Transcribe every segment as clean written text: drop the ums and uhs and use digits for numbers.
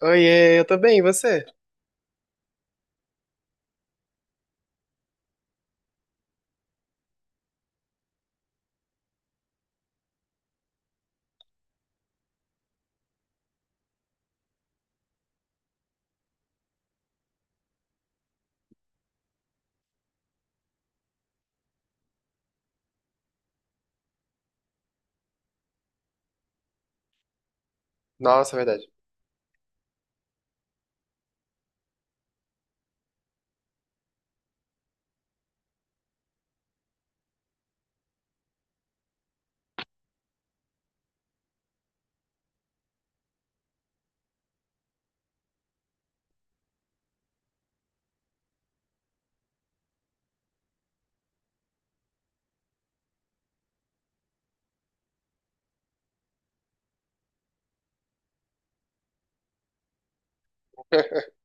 Oiê, eu tô bem, e você? Nossa, é verdade.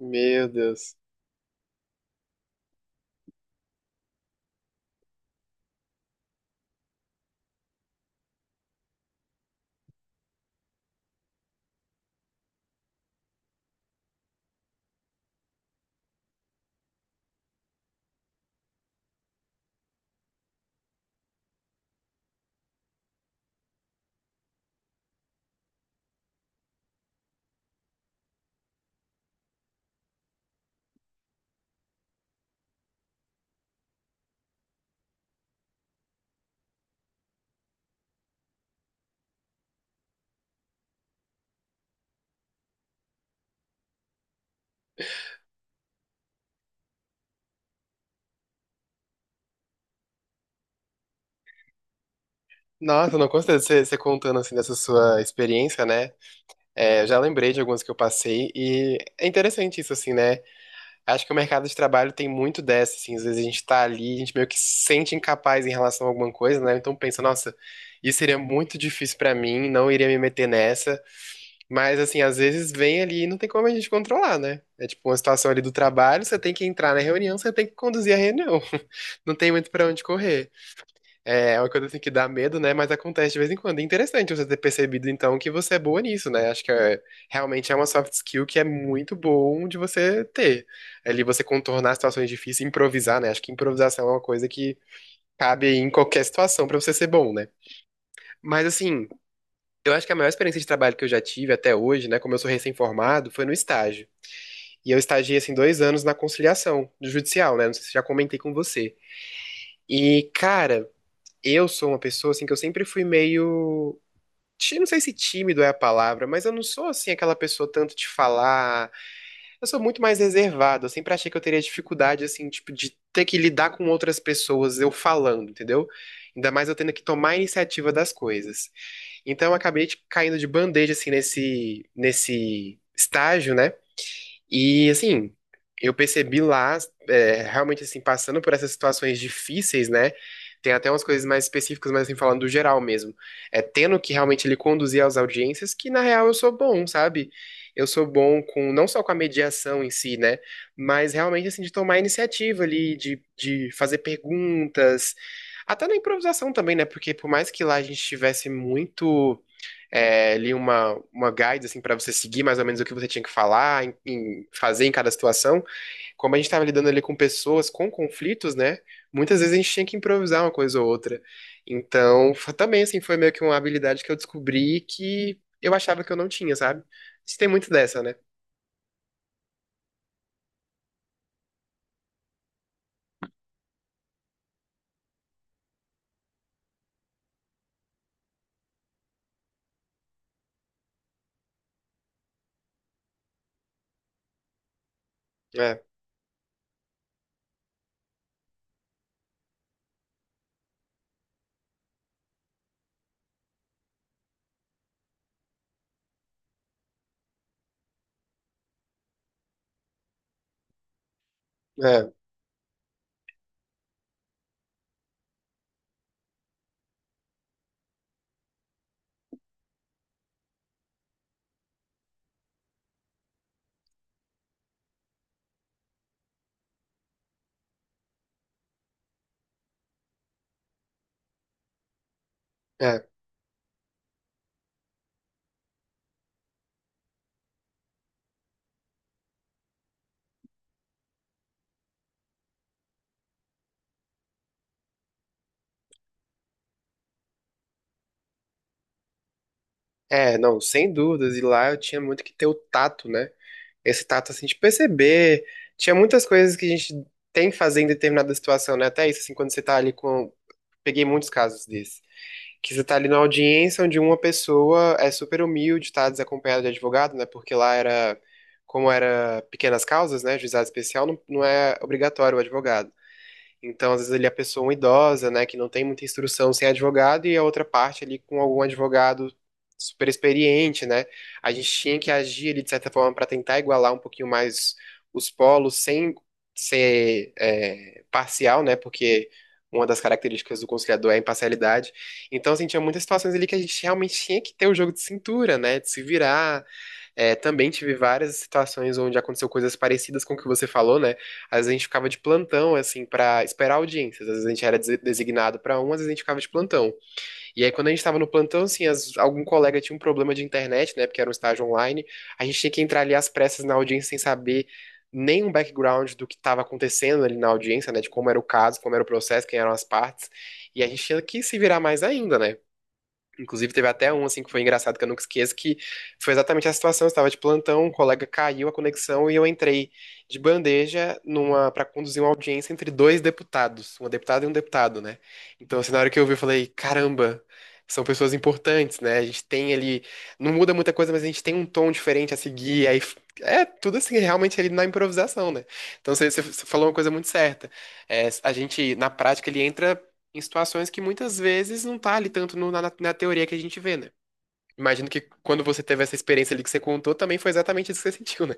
Meu Deus. Nossa, não consigo você, contando assim dessa sua experiência, né? É, eu já lembrei de algumas que eu passei e é interessante isso, assim, né? Acho que o mercado de trabalho tem muito dessa, assim, às vezes a gente tá ali, a gente meio que se sente incapaz em relação a alguma coisa, né? Então pensa, nossa, isso seria muito difícil pra mim, não iria me meter nessa. Mas, assim, às vezes vem ali e não tem como a gente controlar, né? É tipo uma situação ali do trabalho, você tem que entrar na reunião, você tem que conduzir a reunião. Não tem muito pra onde correr. É uma coisa assim que dá medo, né? Mas acontece de vez em quando. É interessante você ter percebido, então, que você é boa nisso, né? Realmente é uma soft skill que é muito bom de você ter. Ali você contornar situações difíceis, improvisar, né? Acho que improvisação é uma coisa que cabe aí em qualquer situação pra você ser bom, né? Mas, assim. Eu acho que a maior experiência de trabalho que eu já tive até hoje, né, como eu sou recém-formado, foi no estágio. E eu estagiei, assim, dois anos na conciliação do judicial, né? Não sei se já comentei com você. E, cara, eu sou uma pessoa, assim, que eu sempre fui meio. Não sei se tímido é a palavra, mas eu não sou, assim, aquela pessoa tanto de falar. Eu sou muito mais reservado. Eu sempre achei que eu teria dificuldade, assim, tipo, de ter que lidar com outras pessoas eu falando, entendeu? Ainda mais eu tendo que tomar a iniciativa das coisas. Então eu acabei tipo, caindo de bandeja assim nesse estágio, né? E assim, eu percebi lá realmente assim passando por essas situações difíceis, né? Tem até umas coisas mais específicas, mas assim falando do geral mesmo. É tendo que realmente ele conduzir às audiências, que na real eu sou bom, sabe? Eu sou bom com não só com a mediação em si, né? Mas realmente assim de tomar iniciativa ali, de fazer perguntas, até na improvisação também, né? Porque por mais que lá a gente tivesse muito uma guide assim para você seguir mais ou menos o que você tinha que falar, em fazer em cada situação. Como a gente estava lidando ali com pessoas com conflitos, né? Muitas vezes a gente tinha que improvisar uma coisa ou outra. Então, também assim foi meio que uma habilidade que eu descobri que eu achava que eu não tinha, sabe? Isso tem muito dessa, né? É, é, é. É, não, sem dúvidas. E lá eu tinha muito que ter o tato, né? Esse tato assim de perceber. Tinha muitas coisas que a gente tem que fazer em determinada situação, né? Até isso, assim, quando você tá ali com, peguei muitos casos desse. Que você tá ali na audiência onde uma pessoa é super humilde, tá desacompanhada de advogado, né? Porque lá era, como era pequenas causas, né? Juizado especial, não é obrigatório o advogado. Então, às vezes ali a pessoa é uma idosa, né, que não tem muita instrução sem advogado e a outra parte ali com algum advogado super experiente, né? A gente tinha que agir ali de certa forma para tentar igualar um pouquinho mais os polos sem ser parcial, né? Porque uma das características do conciliador é a imparcialidade. Então, assim, tinha muitas situações ali que a gente realmente tinha que ter o jogo de cintura, né? De se virar, também tive várias situações onde aconteceu coisas parecidas com o que você falou, né? Às vezes a gente ficava de plantão, assim, pra esperar audiências. Às vezes a gente era designado pra um, às vezes a gente ficava de plantão. E aí, quando a gente tava no plantão, assim, algum colega tinha um problema de internet, né? Porque era um estágio online. A gente tinha que entrar ali às pressas na audiência sem saber nenhum background do que estava acontecendo ali na audiência, né? De como era o caso, como era o processo, quem eram as partes. E a gente tinha que se virar mais ainda, né? Inclusive, teve até um, assim, que foi engraçado, que eu nunca esqueço, que foi exatamente a situação. Eu estava de plantão, um colega caiu a conexão e eu entrei de bandeja numa para conduzir uma audiência entre dois deputados, uma deputada e um deputado, né? Então, assim, na hora que eu vi, eu falei, caramba, são pessoas importantes, né? A gente tem ali, não muda muita coisa, mas a gente tem um tom diferente a seguir, aí... É tudo assim, realmente ali na improvisação, né? Então você falou uma coisa muito certa. É, a gente, na prática, ele entra em situações que muitas vezes não tá ali tanto na teoria que a gente vê, né? Imagino que quando você teve essa experiência ali que você contou, também foi exatamente isso que você sentiu, né?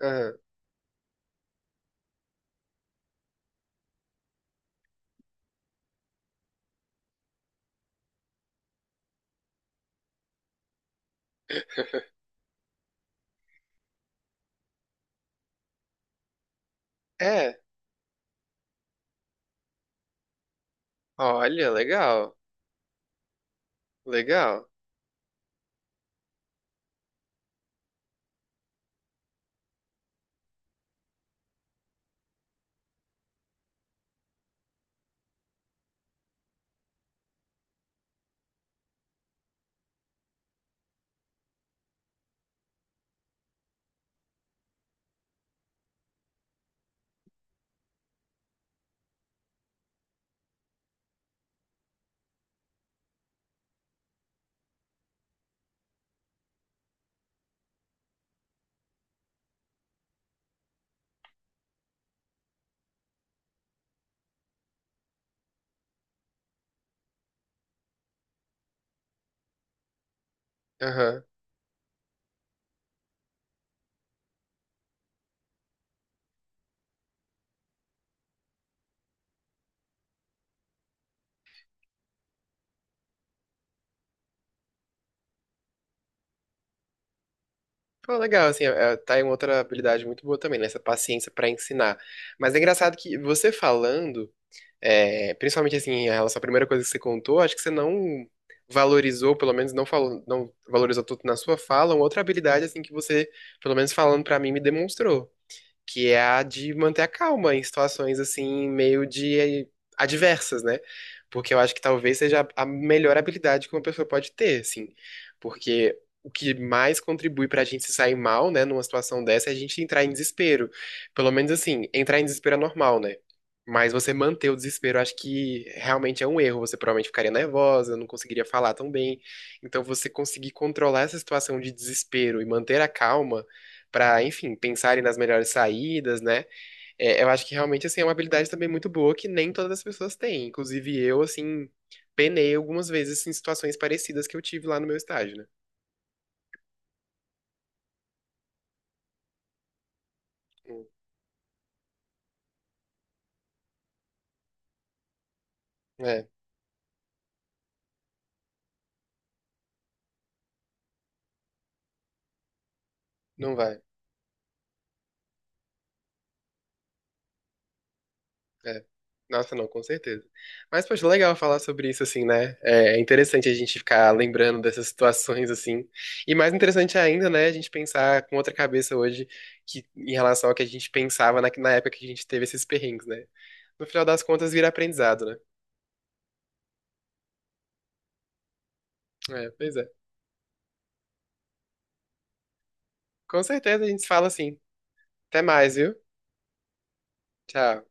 Aham. É, olha, legal, legal. Aham. Pô, legal, assim, é, tá aí uma outra habilidade muito boa também, né? Essa paciência pra ensinar. Mas é engraçado que você falando, é, principalmente assim, em relação à primeira coisa que você contou, acho que você não valorizou, pelo menos não falou, não valorizou tanto na sua fala, uma outra habilidade assim que você, pelo menos falando pra mim, me demonstrou. Que é a de manter a calma em situações assim meio de adversas, né? Porque eu acho que talvez seja a melhor habilidade que uma pessoa pode ter, assim. Porque o que mais contribui pra gente se sair mal, né, numa situação dessa, é a gente entrar em desespero. Pelo menos assim, entrar em desespero é normal, né? Mas você manter o desespero, eu acho que realmente é um erro. Você provavelmente ficaria nervosa, não conseguiria falar tão bem. Então, você conseguir controlar essa situação de desespero e manter a calma para, enfim, pensarem nas melhores saídas, né? É, eu acho que realmente, assim, é uma habilidade também muito boa que nem todas as pessoas têm. Inclusive eu, assim, penei algumas vezes em situações parecidas que eu tive lá no meu estágio, né? Hum, é, não vai. É. Nossa, não, com certeza. Mas, poxa, legal falar sobre isso, assim, né? É interessante a gente ficar lembrando dessas situações, assim. E mais interessante ainda, né, a gente pensar com outra cabeça hoje que, em relação ao que a gente pensava na época que a gente teve esses perrengues, né? No final das contas, vira aprendizado, né? É, pois é. Com certeza a gente se fala assim. Até mais, viu? Tchau.